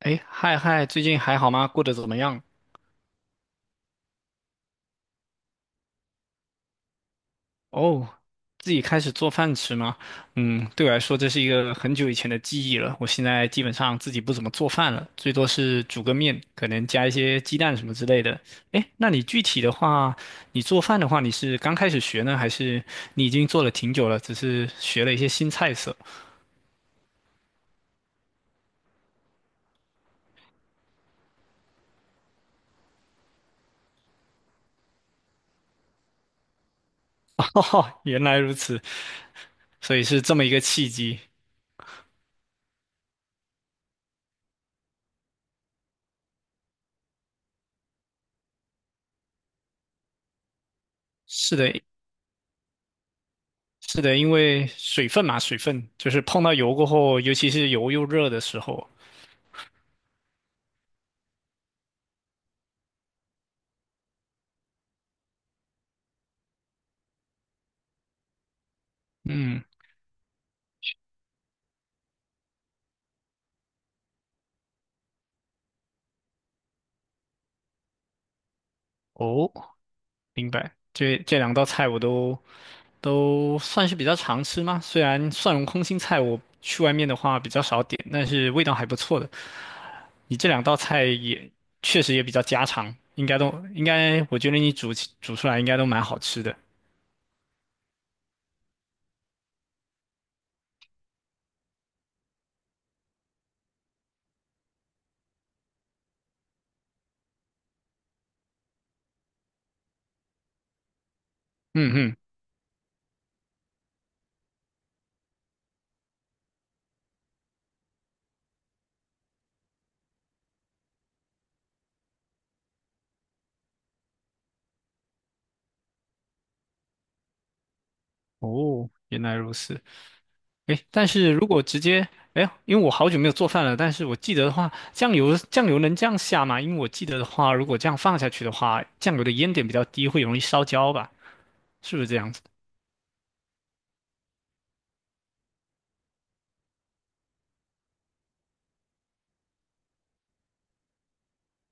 哎，嗨嗨，最近还好吗？过得怎么样？哦，自己开始做饭吃吗？嗯，对我来说这是一个很久以前的记忆了。我现在基本上自己不怎么做饭了，最多是煮个面，可能加一些鸡蛋什么之类的。哎，那你具体的话，你做饭的话，你是刚开始学呢，还是你已经做了挺久了，只是学了一些新菜色？哈哈，原来如此，所以是这么一个契机。是的，是的，因为水分嘛，水分就是碰到油过后，尤其是油又热的时候。嗯。哦，明白。这两道菜我都算是比较常吃嘛，虽然蒜蓉空心菜我去外面的话比较少点，但是味道还不错的。你这两道菜也确实也比较家常，应该都应该，我觉得你煮出来应该都蛮好吃的。嗯嗯。哦，原来如此。诶，但是如果直接。哎，因为我好久没有做饭了，但是我记得的话，酱油能这样下吗？因为我记得的话，如果这样放下去的话，酱油的烟点比较低，会容易烧焦吧？是不是这样子？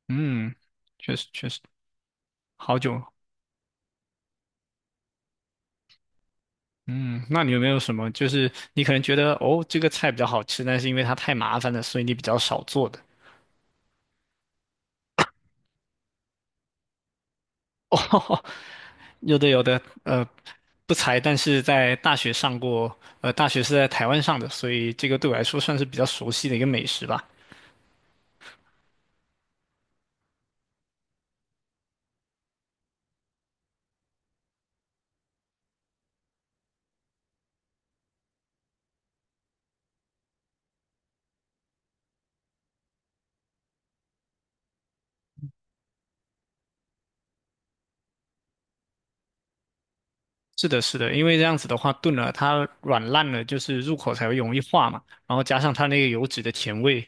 嗯，确实确实，好久。嗯，那你有没有什么，就是你可能觉得哦，这个菜比较好吃，但是因为它太麻烦了，所以你比较少做的？哦，有的有的，不才，但是在大学上过，大学是在台湾上的，所以这个对我来说算是比较熟悉的一个美食吧。是的，是的，因为这样子的话，炖了它软烂了，就是入口才会容易化嘛，然后加上它那个油脂的甜味，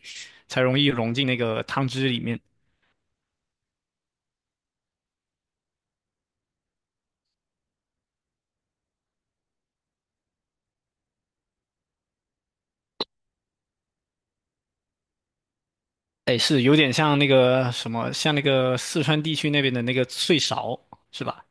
才容易融进那个汤汁里面。哎，是有点像那个什么，像那个四川地区那边的那个脆勺，是吧？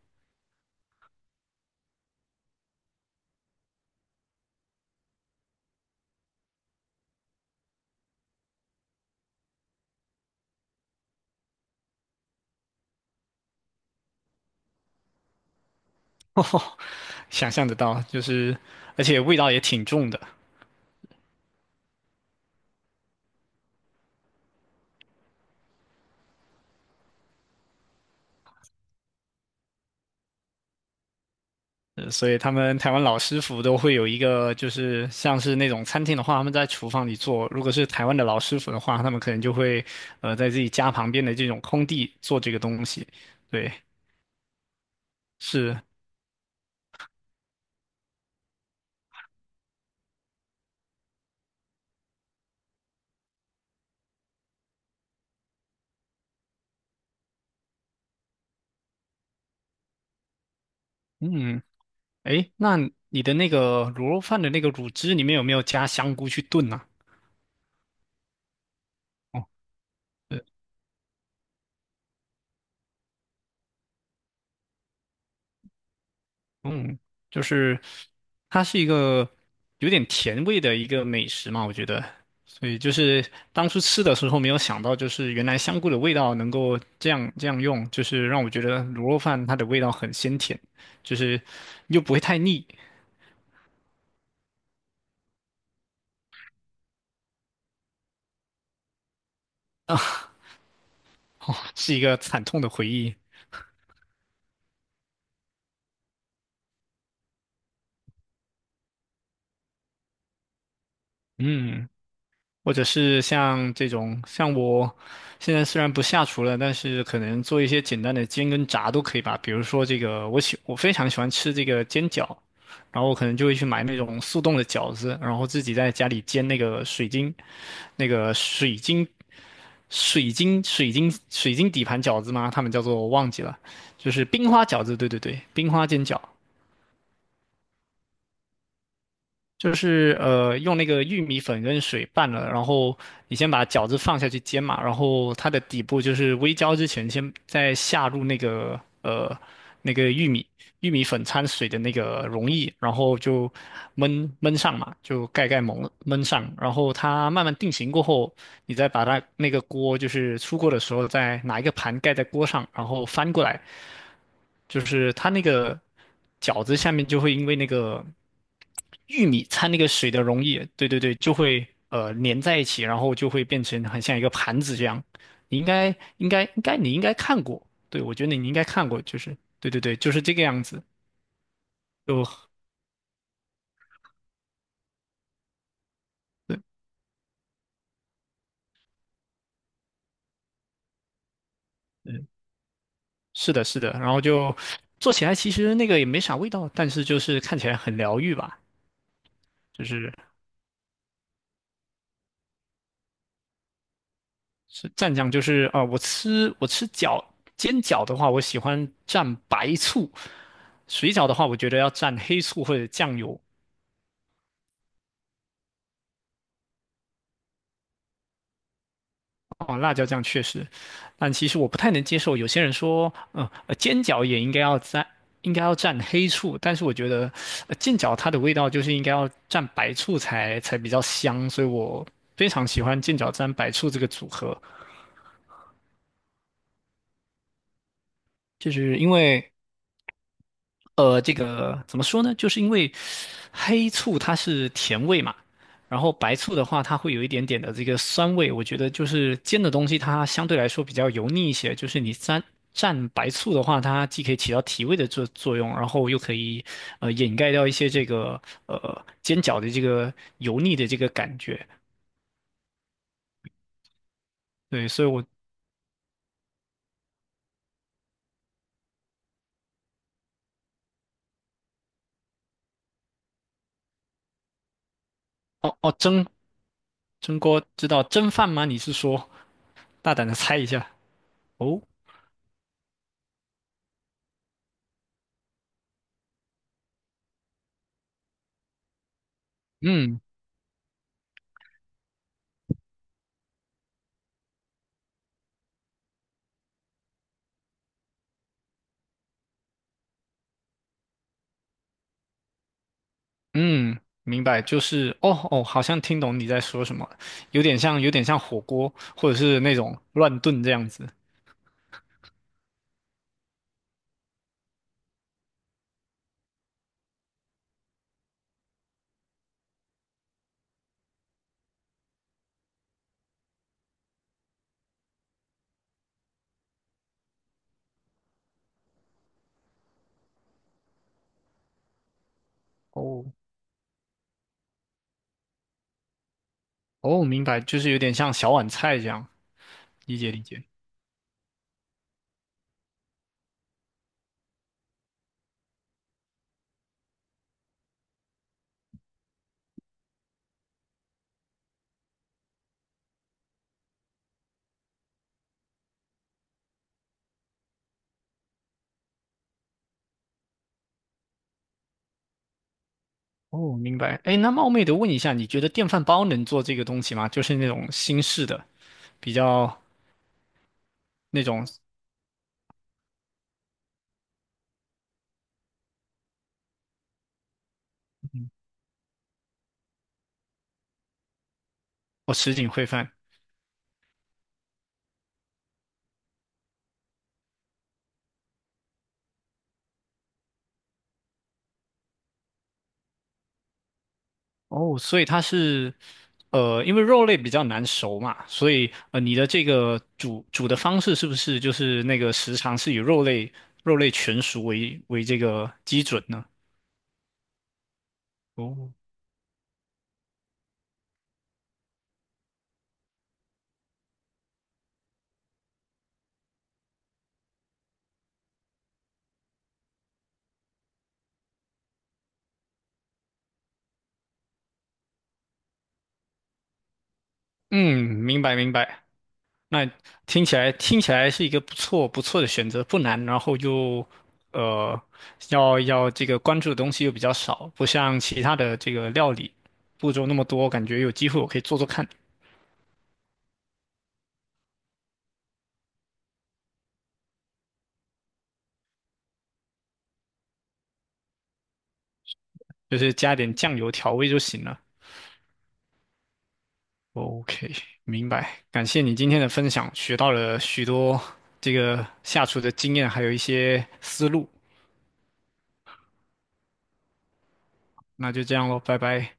哦，想象得到，就是而且味道也挺重的。所以他们台湾老师傅都会有一个，就是像是那种餐厅的话，他们在厨房里做；如果是台湾的老师傅的话，他们可能就会在自己家旁边的这种空地做这个东西。对，是，嗯，诶，那你的那个卤肉饭的那个卤汁里面有没有加香菇去炖呢、啊？哦，嗯，就是它是一个有点甜味的一个美食嘛，我觉得。所以就是当初吃的时候没有想到，就是原来香菇的味道能够这样这样用，就是让我觉得卤肉饭它的味道很鲜甜，就是又不会太腻啊。是一个惨痛的回忆。嗯。或者是像这种，像我现在虽然不下厨了，但是可能做一些简单的煎跟炸都可以吧。比如说这个，我非常喜欢吃这个煎饺，然后我可能就会去买那种速冻的饺子，然后自己在家里煎那个水晶，那个水晶。底盘饺子嘛，他们叫做我忘记了，就是冰花饺子，对对对，冰花煎饺。就是用那个玉米粉跟水拌了，然后你先把饺子放下去煎嘛，然后它的底部就是微焦之前，先再下入那个玉米粉掺水的那个溶液，然后就焖焖上嘛，就盖盖蒙焖上，然后它慢慢定型过后，你再把它那个锅就是出锅的时候，再拿一个盘盖在锅上，然后翻过来，就是它那个饺子下面就会因为那个。玉米掺那个水的溶液，对对对，就会粘在一起，然后就会变成很像一个盘子这样。你应该应该应该你应该看过，对，我觉得你应该看过，就是对对对，就是这个样子，就对，嗯，是的，是的，然后就做起来其实那个也没啥味道，但是就是看起来很疗愈吧，就是是蘸酱，就是啊、我吃煎饺的话，我喜欢蘸白醋，水饺的话，我觉得要蘸黑醋或者酱油。哦，辣椒酱确实，但其实我不太能接受。有些人说，煎饺也应该要蘸，黑醋，但是我觉得，煎饺它的味道就是应该要蘸白醋才比较香，所以我非常喜欢煎饺蘸白醋这个组合，就是因为这个怎么说呢？就是因为黑醋它是甜味嘛，然后白醋的话，它会有一点点的这个酸味。我觉得就是煎的东西，它相对来说比较油腻一些。就是你蘸白醋的话，它既可以起到提味的作用，然后又可以掩盖掉一些这个煎饺的这个油腻的这个感觉。对，所以我哦哦，蒸锅知道蒸饭吗？你是说大胆的猜一下哦，嗯。嗯，明白，就是哦哦，好像听懂你在说什么了，有点像火锅，或者是那种乱炖这样子。哦哦，明白，就是有点像小碗菜这样，理解理解。哦，明白。哎，那冒昧的问一下，你觉得电饭煲能做这个东西吗？就是那种新式的，比较那种哦，什锦烩饭。哦，所以它是，因为肉类比较难熟嘛，所以你的这个煮的方式是不是就是那个时长是以肉类全熟为这个基准呢？哦，嗯，明白明白。那听起来是一个不错不错的选择，不难，然后又呃，要这个关注的东西又比较少，不像其他的这个料理步骤那么多，感觉有机会我可以做做看，就是加点酱油调味就行了。OK，明白。感谢你今天的分享，学到了许多这个下厨的经验，还有一些思路。那就这样喽，拜拜。